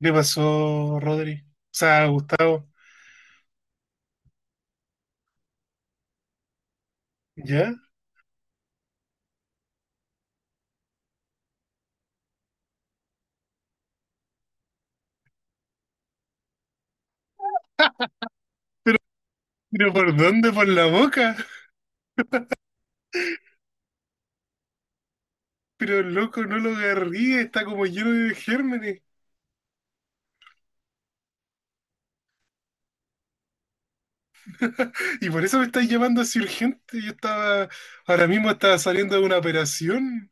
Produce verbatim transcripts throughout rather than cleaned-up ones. ¿Le pasó Rodri? O sea, Gustavo. ¿Ya? ¿Pero por dónde? ¿Por la boca? Pero loco no lo agarrí, está como lleno de gérmenes. Y por eso me estáis llamando así urgente. Yo estaba, ahora mismo estaba saliendo de una operación.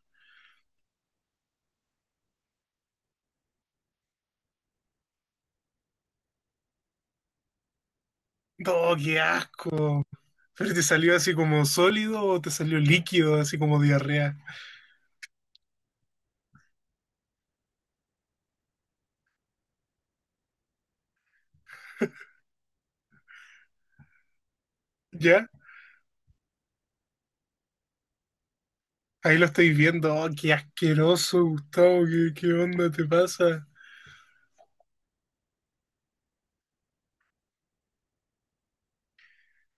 ¡Oh, qué asco! ¿Pero te salió así como sólido o te salió líquido, así como diarrea? ¿Ya? Ahí lo estoy viendo. ¡Oh, qué asqueroso, Gustavo! ¿Qué, qué onda te pasa?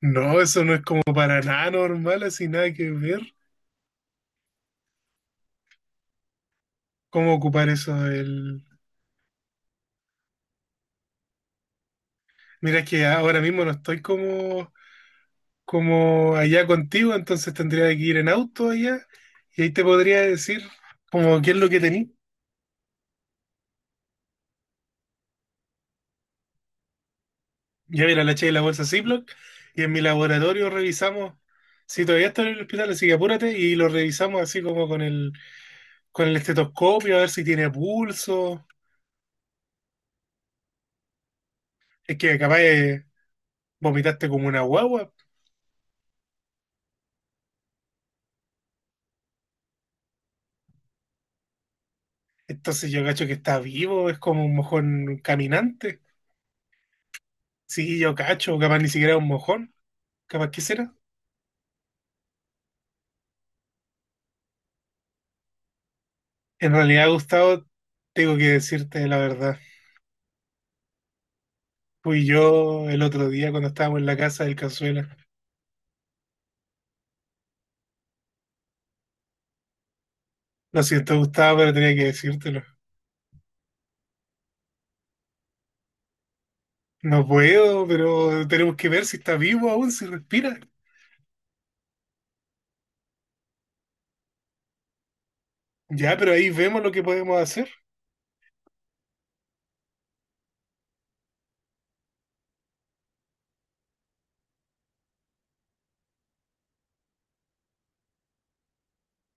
No, eso no es como para nada normal, así nada que ver. Cómo ocupar eso. El... Mira, es que ahora mismo no estoy como, como allá contigo, entonces tendría que ir en auto allá y ahí te podría decir como qué es lo que tení. Ya mira, la eché de la bolsa Ziploc y en mi laboratorio revisamos. Si todavía está en el hospital, así que apúrate y lo revisamos así como con el, con el estetoscopio, a ver si tiene pulso. Es que capaz eh, vomitaste como una guagua. Entonces yo cacho que está vivo, es como un mojón caminante. Sí, yo cacho, capaz ni siquiera un mojón, capaz que será. En realidad, Gustavo, tengo que decirte la verdad. Fui yo el otro día cuando estábamos en la casa del Cazuela. Lo siento, Gustavo, pero tenía que decírtelo. No puedo, pero tenemos que ver si está vivo aún, si respira. Ya, pero ahí vemos lo que podemos hacer.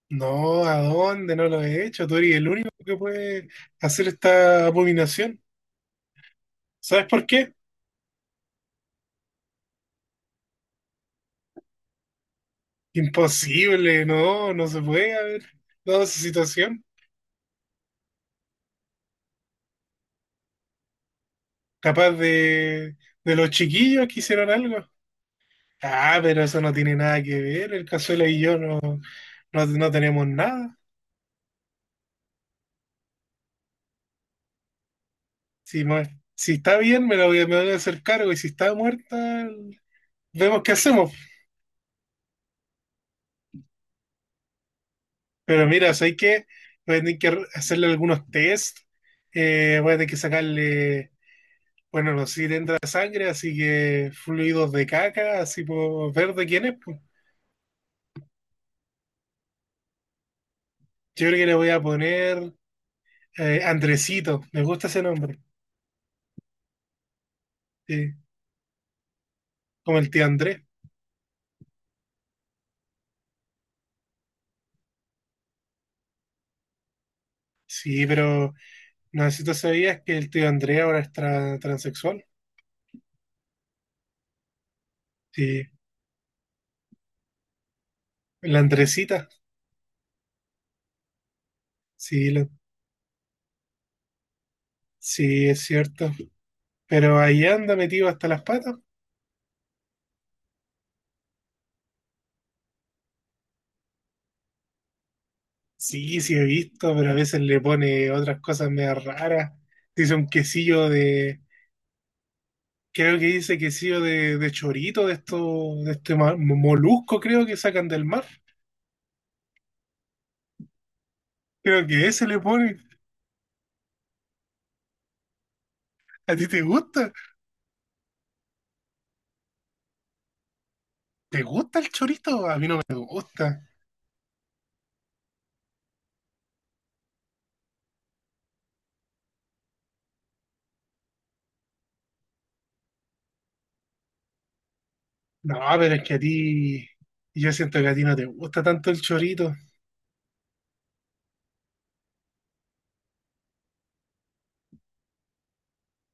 No, ¿a dónde? No lo he hecho. Tú eres el único que puede hacer esta abominación. ¿Sabes por qué? Imposible, no, no se puede haber dado esa situación. Capaz de, de los chiquillos que hicieron algo. Ah, pero eso no tiene nada que ver. El Cazuela y yo no, no, no tenemos nada. Si, mo- si está bien, me lo voy, a- me voy a hacer cargo. Y si está muerta, vemos qué hacemos. Pero mira, o sea, hay que, voy a tener que hacerle algunos test. Eh, voy a tener que sacarle, bueno, no sé si le entra sangre, así que fluidos de caca, así por ver de quién es, pues. Yo creo que le voy a poner eh, Andresito. Me gusta ese nombre. Sí, como el tío Andrés. Sí, pero no sé si tú sabías que el tío Andrés ahora es tra- transexual. Sí, la Andresita. Sí, la- sí, es cierto. Pero ahí anda metido hasta las patas. Sí, sí he visto, pero a veces le pone otras cosas medio raras. Dice un quesillo de, creo que dice quesillo de, de chorito, de esto, de este ma- molusco, creo que sacan del mar. Creo que ese le pone. ¿A ti te gusta? ¿Te gusta el chorito? A mí no me gusta. No, pero es que a ti, yo siento que a ti no te gusta tanto el chorito.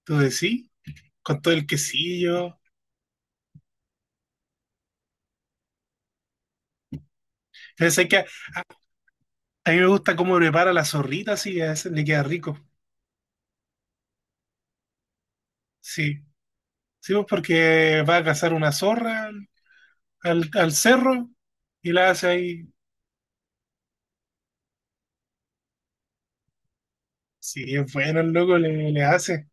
¿Tú decís? Sí, con todo el quesillo. Pero sé que a, a mí me gusta cómo prepara la zorrita, así que a veces le queda rico. Sí. Sí, pues porque va a cazar una zorra al, al cerro y la hace ahí. Sí, es bueno el loco, le, le hace.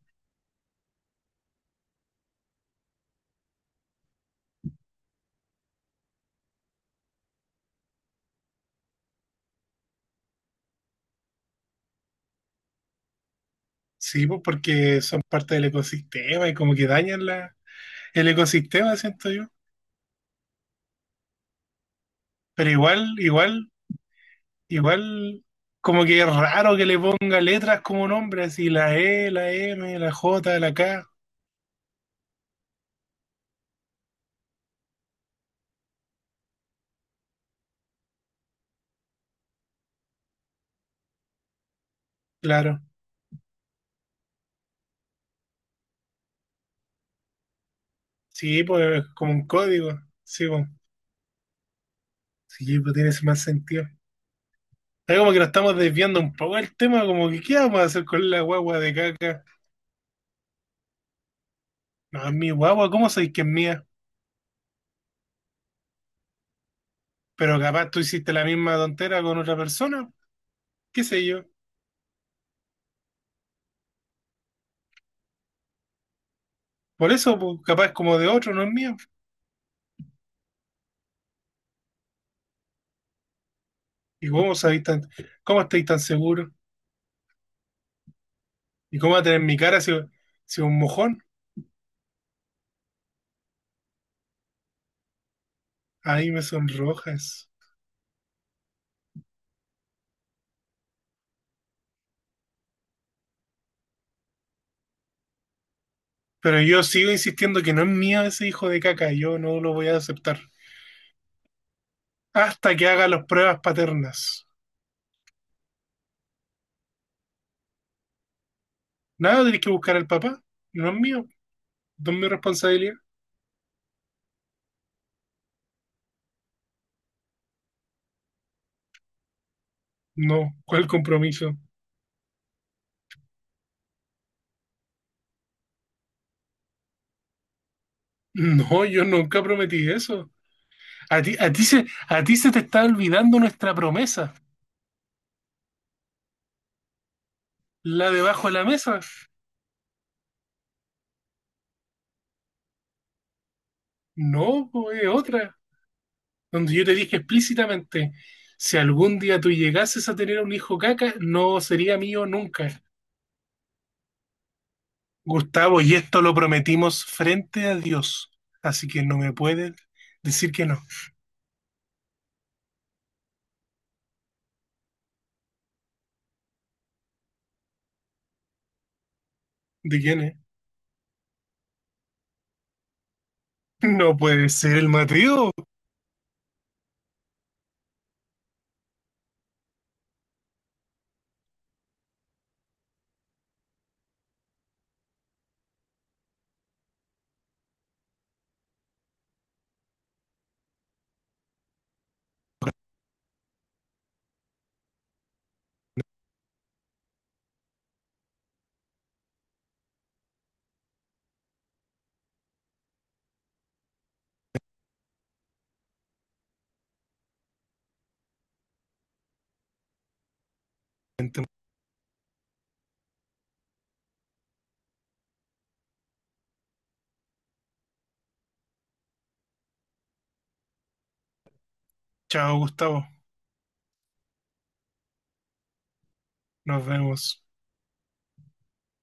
Sí, pues porque son parte del ecosistema y como que dañan la, el ecosistema, siento yo. Pero igual, igual Igual, como que es raro que le ponga letras como nombre, así la E, la M, la J, la K. Claro. Sí, pues como un código. Sí, pues, sí, pues tiene ese más sentido. Es como que nos estamos desviando un poco del tema, como que ¿qué vamos a hacer con la guagua de caca? No, es mi guagua, ¿cómo sabéis que es mía? Pero capaz tú hiciste la misma tontera con otra persona, qué sé yo. Por eso, pues, capaz es como de otro, no es mía. ¿Y cómo sabéis tan, cómo estáis tan seguros? ¿Y cómo va a tener mi cara si, si un mojón? Ay, me sonrojas. Pero yo sigo insistiendo que no es mío ese hijo de caca, yo no lo voy a aceptar. Hasta que haga las pruebas paternas. Nada, tenés que buscar al papá. No es mío. No es mi responsabilidad. No, ¿cuál compromiso? No, yo nunca prometí eso. A ti, a ti se, a ti se te está olvidando nuestra promesa, la debajo de la mesa. No, po, es otra, donde yo te dije explícitamente, si algún día tú llegases a tener un hijo caca, no sería mío nunca. Gustavo, y esto lo prometimos frente a Dios, así que no me pueden decir que no. ¿De quién es? No puede ser el Mateo. Chao, Gustavo. Nos vemos.